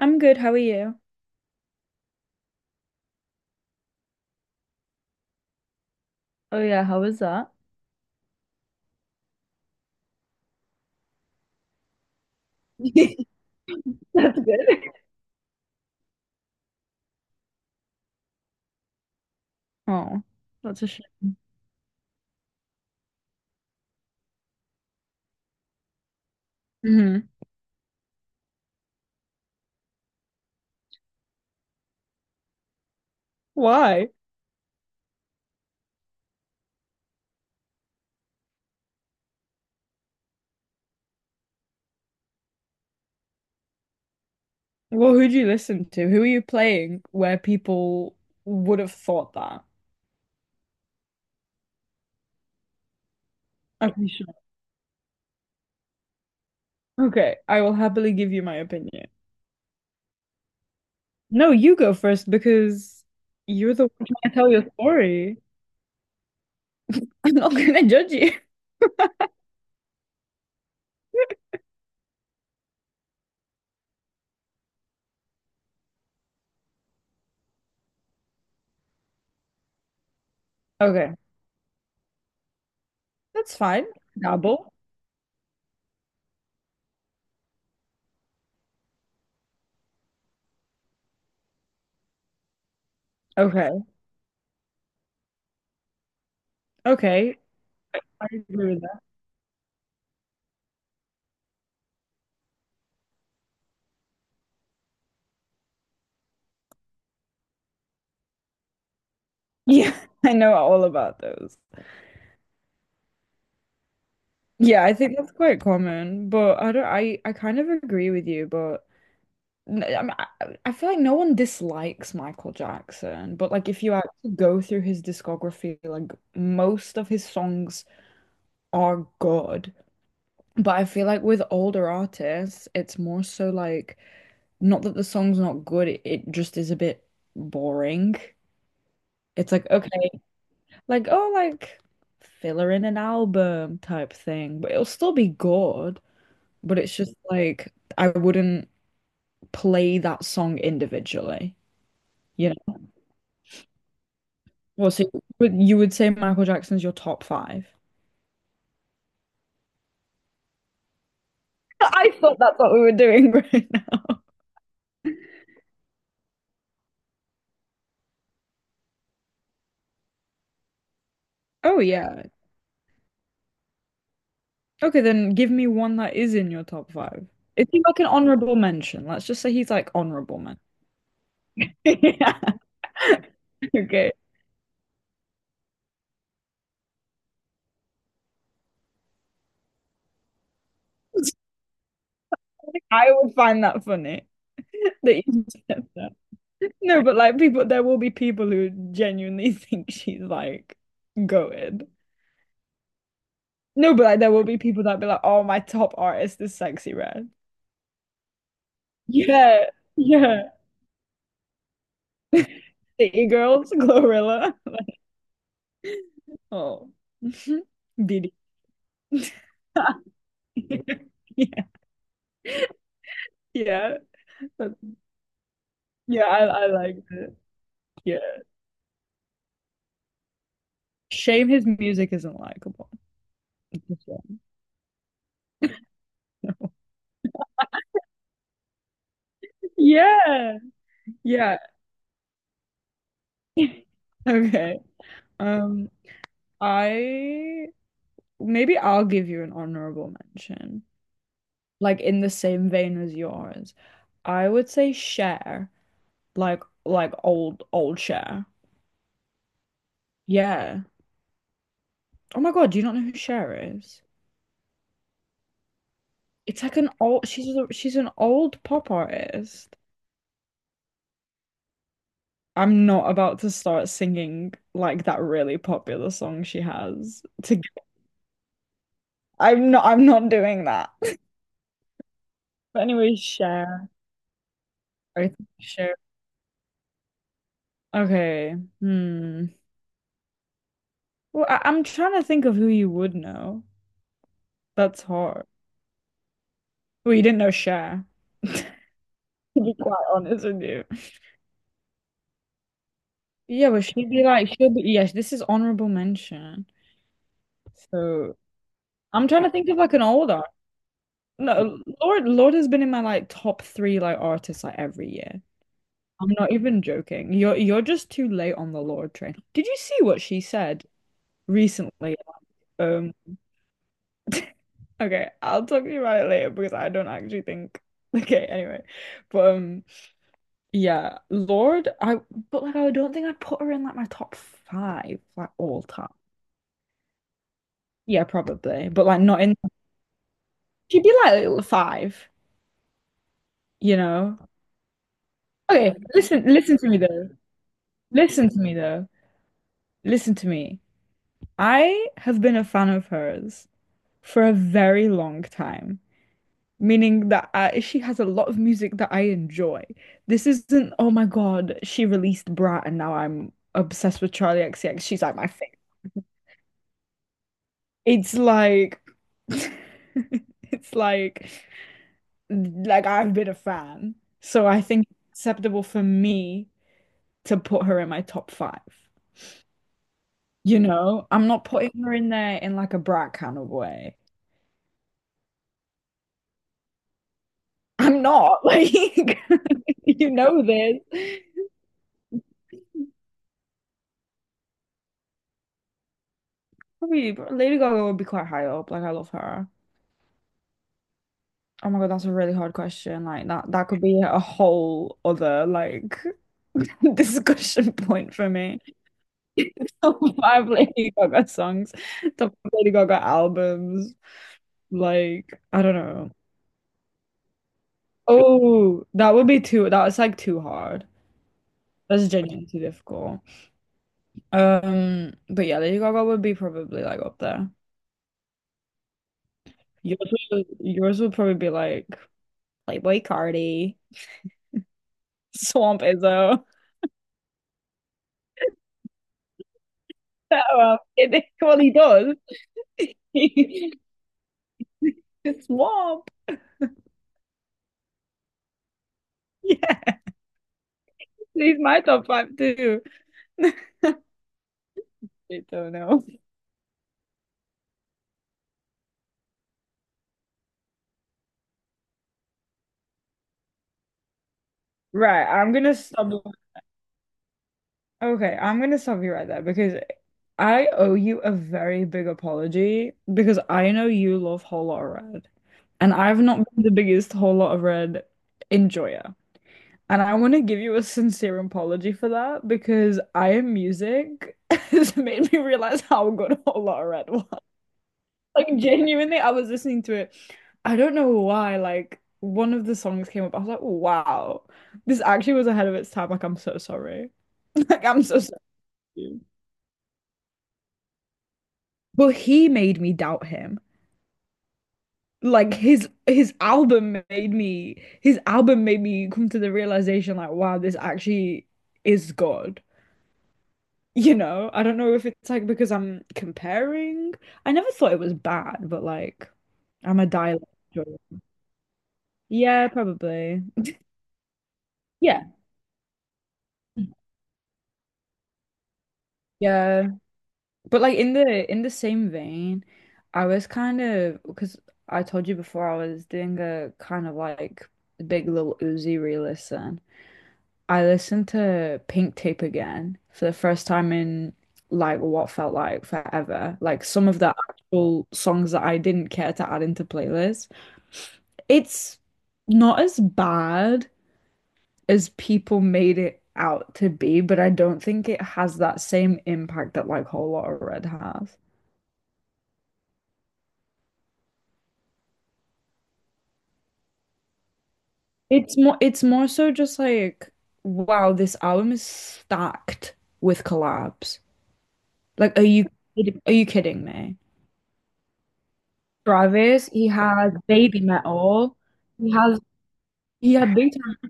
I'm good. How are you? Oh yeah, how was that? That's good. Oh, that's a shame. Hmm. Why? Well, who'd you listen to? Who are you playing where people would have thought that? I'm pretty sure. Okay, I will happily give you my opinion. No, you go first because you're the one trying to tell your story. I'm not gonna judge you. Okay, that's fine. Dabble. Okay. Okay, I agree with that. Yeah, I know all about those. Yeah, I think that's quite common, but I don't. I kind of agree with you, but I mean, I feel like no one dislikes Michael Jackson, but like if you actually go through his discography, like most of his songs are good. But I feel like with older artists, it's more so like not that the song's not good, it just is a bit boring. It's like, okay, like, oh, like filler in an album type thing, but it'll still be good. But it's just like I wouldn't play that song individually, you know. Well, so you would say Michael Jackson's your top five? I thought that's what we were doing right now. Oh yeah. Okay, then give me one that is in your top five. Is he like an honorable mention? Let's just say he's like honorable mention. Yeah. Okay. I would find that funny that you said that. No, but like people, there will be people who genuinely think she's like goated. No, but like there will be people that be like, oh, my top artist is Sexy Red. Yeah, yeah. City Girls, Glorilla. Like, oh, BD. Yeah, yeah, But- yeah. I like it. Yeah. Shame his music isn't likable. Yeah, yeah. Okay. Um, I maybe I'll give you an honorable mention, like in the same vein as yours. I would say Cher, like old old Cher. Yeah. Oh my God, do you not know who Cher is? It's like an old she's a, she's an old pop artist. I'm not about to start singing like that really popular song she has to I'm not doing that. But anyway, Cher. I think Cher. Okay. Hmm. Well, I'm trying to think of who you would know. That's hard. Well, you didn't know Cher, to be quite honest with you. Yeah, but she'll be, yes, this is honorable mention. So I'm trying to think of like an older. No, Lord has been in my like top three like artists like every year. I'm not even joking. You're just too late on the Lord train. Did you see what she said recently? Um, okay, I'll talk to you about it later because I don't actually think. Okay, anyway, but. Yeah, Lord, I but like I don't think I'd put her in like my top five, like all time. Yeah, probably, but like not in. She'd be like little five, you know. Okay, listen, listen to me though. Listen to me though. Listen to me. I have been a fan of hers for a very long time, meaning that she has a lot of music that I enjoy. This isn't, oh my God, she released Brat and now I'm obsessed with Charlie XCX. She's like my favorite. It's like it's like I've been a fan, so I think it's acceptable for me to put her in my top five. I'm not putting her in there in like a brat kind of way. I'm not like you know this. Probably Lady Gaga would be quite high up. Like I love her. Oh my God, that's a really hard question. Like that could be a whole other like discussion point for me. Top five Lady Gaga songs, top five Lady Gaga albums. Like, I don't know. Oh, that would be too, that's like too hard. That's genuinely too difficult. But yeah, Lady Gaga would be probably like up there. Yours would probably be like Playboy Cardi, Swamp Izzo. Well, well, he does. It's Swamp. Yeah, he's my top five too. I don't know. Right, I'm gonna stop Okay, I'm gonna stop you right there because I owe you a very big apology because I know you love Whole Lot of Red, and I've not been the biggest Whole Lot of Red enjoyer. And I want to give you a sincere apology for that because I Am Music has made me realize how good Whole Lot of Red was. Like genuinely, I was listening to it. I don't know why. Like one of the songs came up, I was like, wow, this actually was ahead of its time. Like I'm so sorry. Like I'm so sorry. But he made me doubt him. Like his album made me come to the realization like wow this actually is God. I don't know if it's like because I'm comparing. I never thought it was bad, but like I'm a dialect. Yeah, probably. Yeah. Yeah. But like in the same vein, I was kind of because I told you before I was doing a kind of like big little Uzi re-listen. I listened to Pink Tape again for the first time in like what felt like forever. Like some of the actual songs that I didn't care to add into playlists. It's not as bad as people made it out to be, but I don't think it has that same impact that like Whole Lotta Red has. It's more so just like, wow, this album is stacked with collabs. Like, are you kidding me? Travis, he has Baby Metal. He has he had Big Time.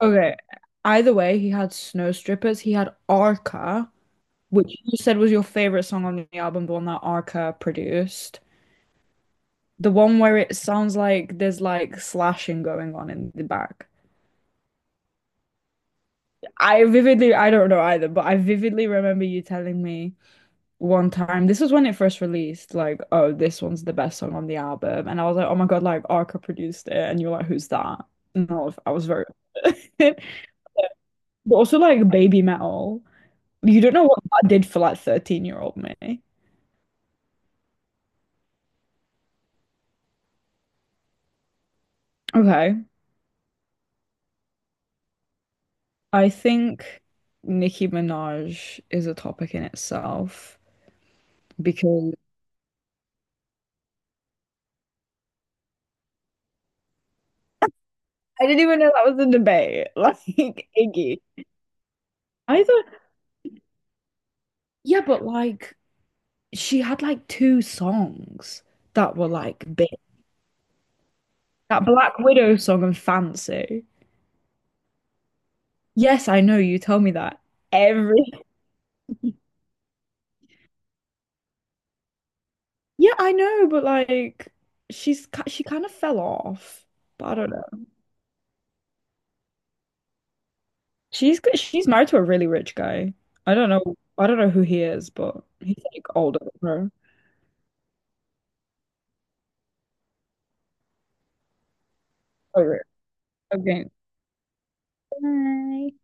Okay, either way, he had Snow Strippers. He had Arca, which you said was your favorite song on the album, the one that Arca produced. The one where it sounds like there's like slashing going on in the back. I vividly, I don't know either, but I vividly remember you telling me one time. This was when it first released, like, oh, this one's the best song on the album. And I was like, oh my God, like Arca produced it. And you're like, who's that? And I was very But also like Baby Metal. You don't know what that did for like 13-year-old me. Okay. I think Nicki Minaj is a topic in itself because I didn't even know that was a debate. Like Iggy. I thought, yeah, but like she had like two songs that were like big. That Black Widow song I fancy. Yes, I know you tell me that every. Yeah, I know, but like she kind of fell off. But I don't know. She's married to a really rich guy. I don't know. I don't know who he is, but he's like older than her. Oh, yeah. Okay. Bye.